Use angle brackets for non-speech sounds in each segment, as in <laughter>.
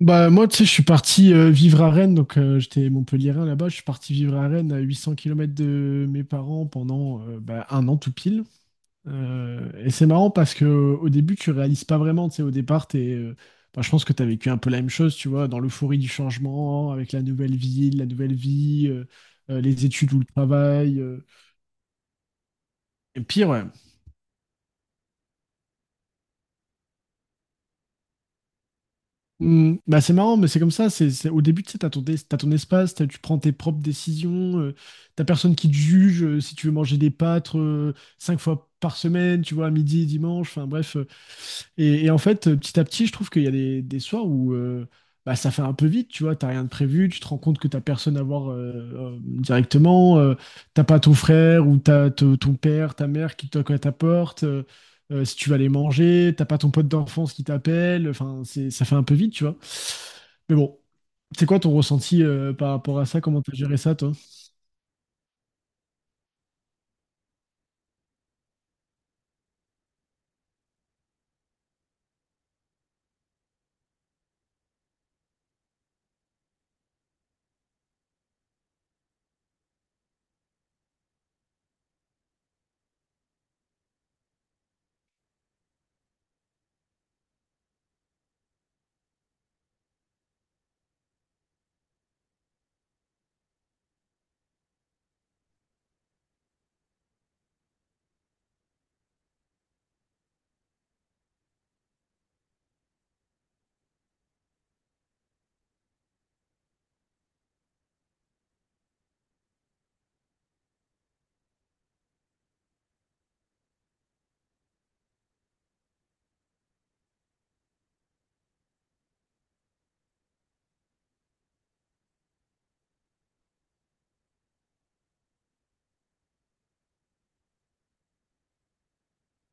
Bah, moi, tu sais, je suis parti vivre à Rennes, donc j'étais Montpelliérain là-bas. Je suis parti vivre à Rennes à 800 km de mes parents pendant un an tout pile. Et c'est marrant parce que au début, tu réalises pas vraiment, tu sais, au départ, je pense que tu as vécu un peu la même chose, tu vois, dans l'euphorie du changement, avec la nouvelle ville, la nouvelle vie, les études ou le travail. Et pire, ouais. Hmm, bah c'est marrant, mais c'est comme ça. Au début, tu sais, t'as ton espace, tu prends tes propres décisions, t'as personne qui te juge si tu veux manger des pâtes cinq fois par semaine, tu vois, à midi, dimanche, enfin bref. Et en fait, petit à petit, je trouve qu'il y a des soirs où bah, ça fait un peu vite, tu vois, t'as rien de prévu, tu te rends compte que t'as personne à voir directement, t'as pas ton frère ou ton père, ta mère qui toque à ta porte. Si tu vas aller manger, t'as pas ton pote d'enfance qui t'appelle, enfin, ça fait un peu vite, tu vois. Mais bon, c'est quoi ton ressenti par rapport à ça? Comment t'as géré ça, toi?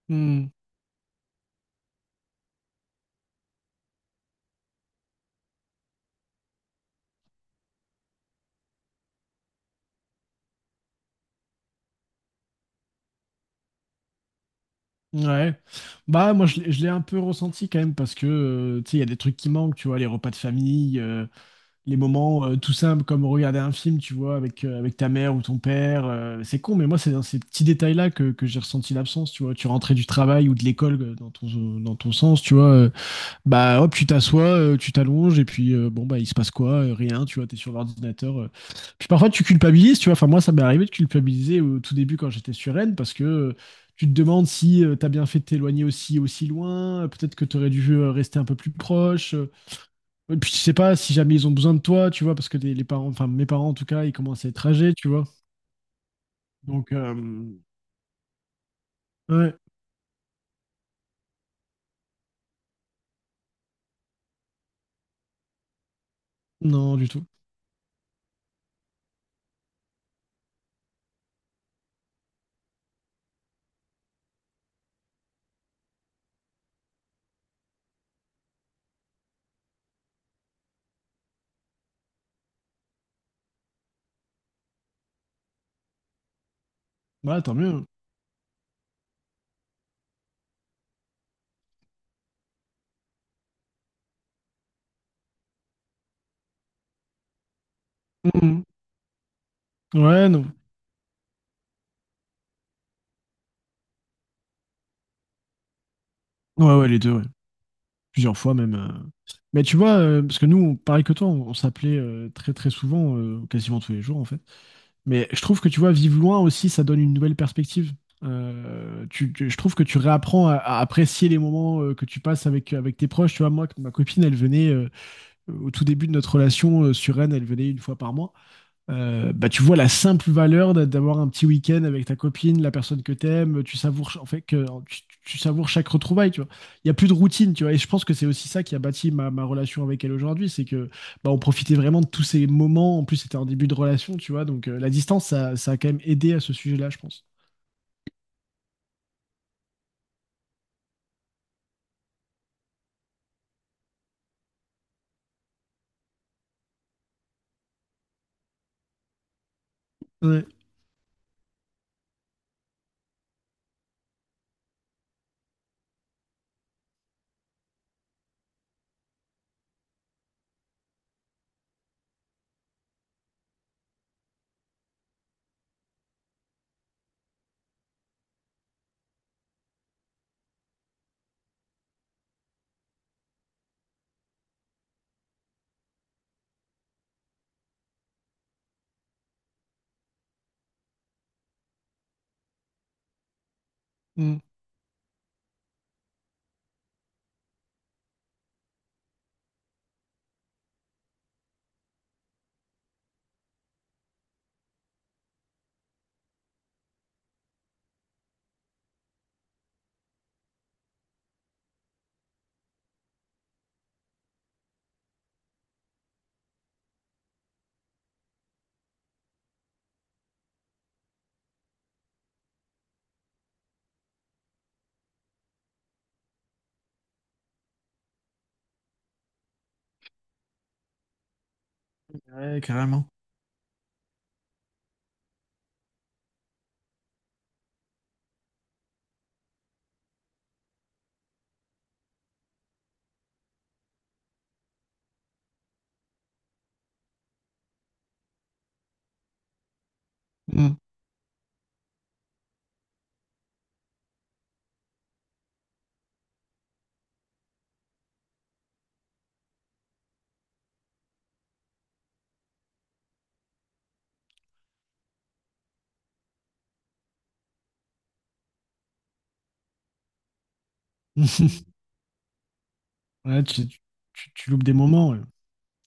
Hmm. Ouais. Bah, moi, je l'ai un peu ressenti quand même parce que, tu sais, il y a des trucs qui manquent, tu vois, les repas de famille, les moments tout simples comme regarder un film, tu vois, avec ta mère ou ton père. C'est con, mais moi, c'est dans ces petits détails-là que j'ai ressenti l'absence, tu vois. Tu rentrais du travail ou de l'école dans dans ton sens, tu vois. Bah hop, tu t'assois, tu t'allonges, et puis bah il se passe quoi? Rien, tu vois, t'es sur l'ordinateur. Puis parfois tu culpabilises, tu vois. Enfin, moi, ça m'est arrivé de culpabiliser au tout début quand j'étais sur Rennes, parce que tu te demandes si t'as bien fait de t'éloigner aussi loin, peut-être que t'aurais dû rester un peu plus proche. Et puis tu sais pas si jamais ils ont besoin de toi, tu vois, parce que les parents, enfin mes parents en tout cas, ils commencent à être âgés, tu vois. Donc, euh, ouais, non, du tout. Ouais, tant mieux. Mhm. Ouais, non. Ouais, ouais, les deux, ouais. Plusieurs fois même. Mais tu vois, parce que nous, pareil que toi, on s'appelait très très souvent, quasiment tous les jours en fait. Mais je trouve que tu vois, vivre loin aussi, ça donne une nouvelle perspective. Je trouve que tu réapprends à apprécier les moments que tu passes avec, avec tes proches. Tu vois, moi, ma copine, elle venait au tout début de notre relation sur Rennes, elle venait une fois par mois. Tu vois la simple valeur d'avoir un petit week-end avec ta copine, la personne que t'aimes, en fait que tu savoures chaque retrouvaille, tu vois. Il y a plus de routine, tu vois. Et je pense que c'est aussi ça qui a bâti ma, ma relation avec elle aujourd'hui, c'est que bah, on profitait vraiment de tous ces moments. En plus, c'était un début de relation, tu vois. Donc la distance, ça a quand même aidé à ce sujet-là, je pense. Ouais, mm, ouais, carrément. Mm. <laughs> Ouais, tu loupes des moments, ouais.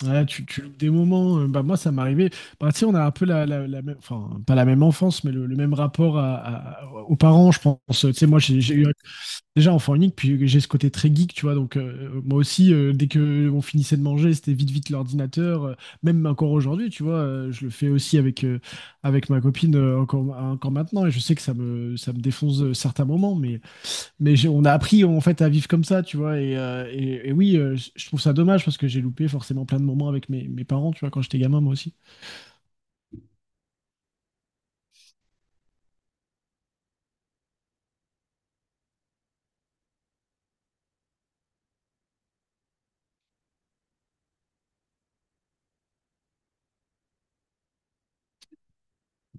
Ouais, tu loupes des moments. Bah, moi, ça m'arrivait. Bah, tu sais, on a un peu la même, enfin, pas la même enfance, mais le même rapport aux parents, je pense. Tu sais, moi, j'ai eu déjà enfant unique, puis j'ai ce côté très geek, tu vois. Donc, moi aussi, dès que on finissait de manger, c'était vite, vite l'ordinateur. Même encore aujourd'hui, tu vois, je le fais aussi avec ma copine encore, encore maintenant. Et je sais que ça me défonce certains moments, mais on a appris en fait à vivre comme ça, tu vois. Et oui, je trouve ça dommage parce que j'ai loupé forcément plein de moments avec mes, mes parents, tu vois, quand j'étais gamin, moi aussi.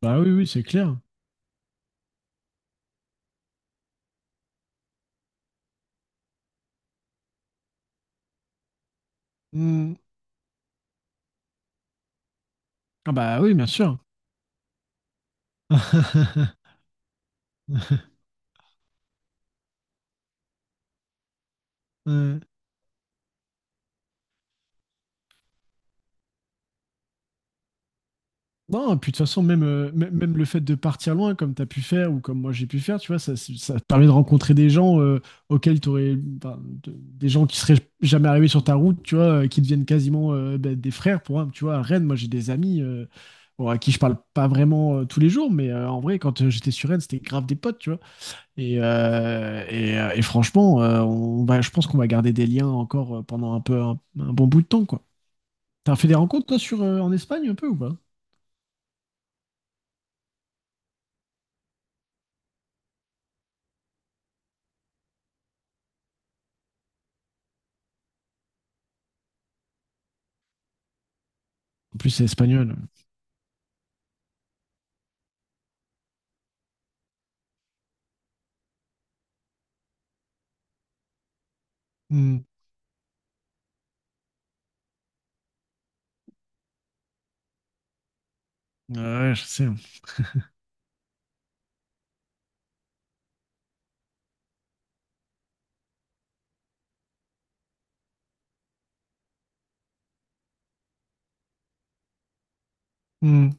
Bah oui, oui, c'est clair. Hmm. Ah bah oui, bien sûr. <laughs> Ouais. Non, et puis de toute façon, même, même le fait de partir loin, comme tu as pu faire ou comme moi j'ai pu faire, tu vois, ça te permet de rencontrer des gens des gens qui seraient jamais arrivés sur ta route, tu vois, qui deviennent quasiment ben, des frères pour un, tu vois. À Rennes, moi j'ai des amis bon, à qui je parle pas vraiment tous les jours, mais en vrai, quand j'étais sur Rennes, c'était grave des potes, tu vois. Et franchement, je pense qu'on va garder des liens encore pendant un bon bout de temps, quoi. T'as fait des rencontres, toi, sur, en Espagne un peu ou pas? En plus, c'est espagnol. Mm. Ouais, je sais. Mm.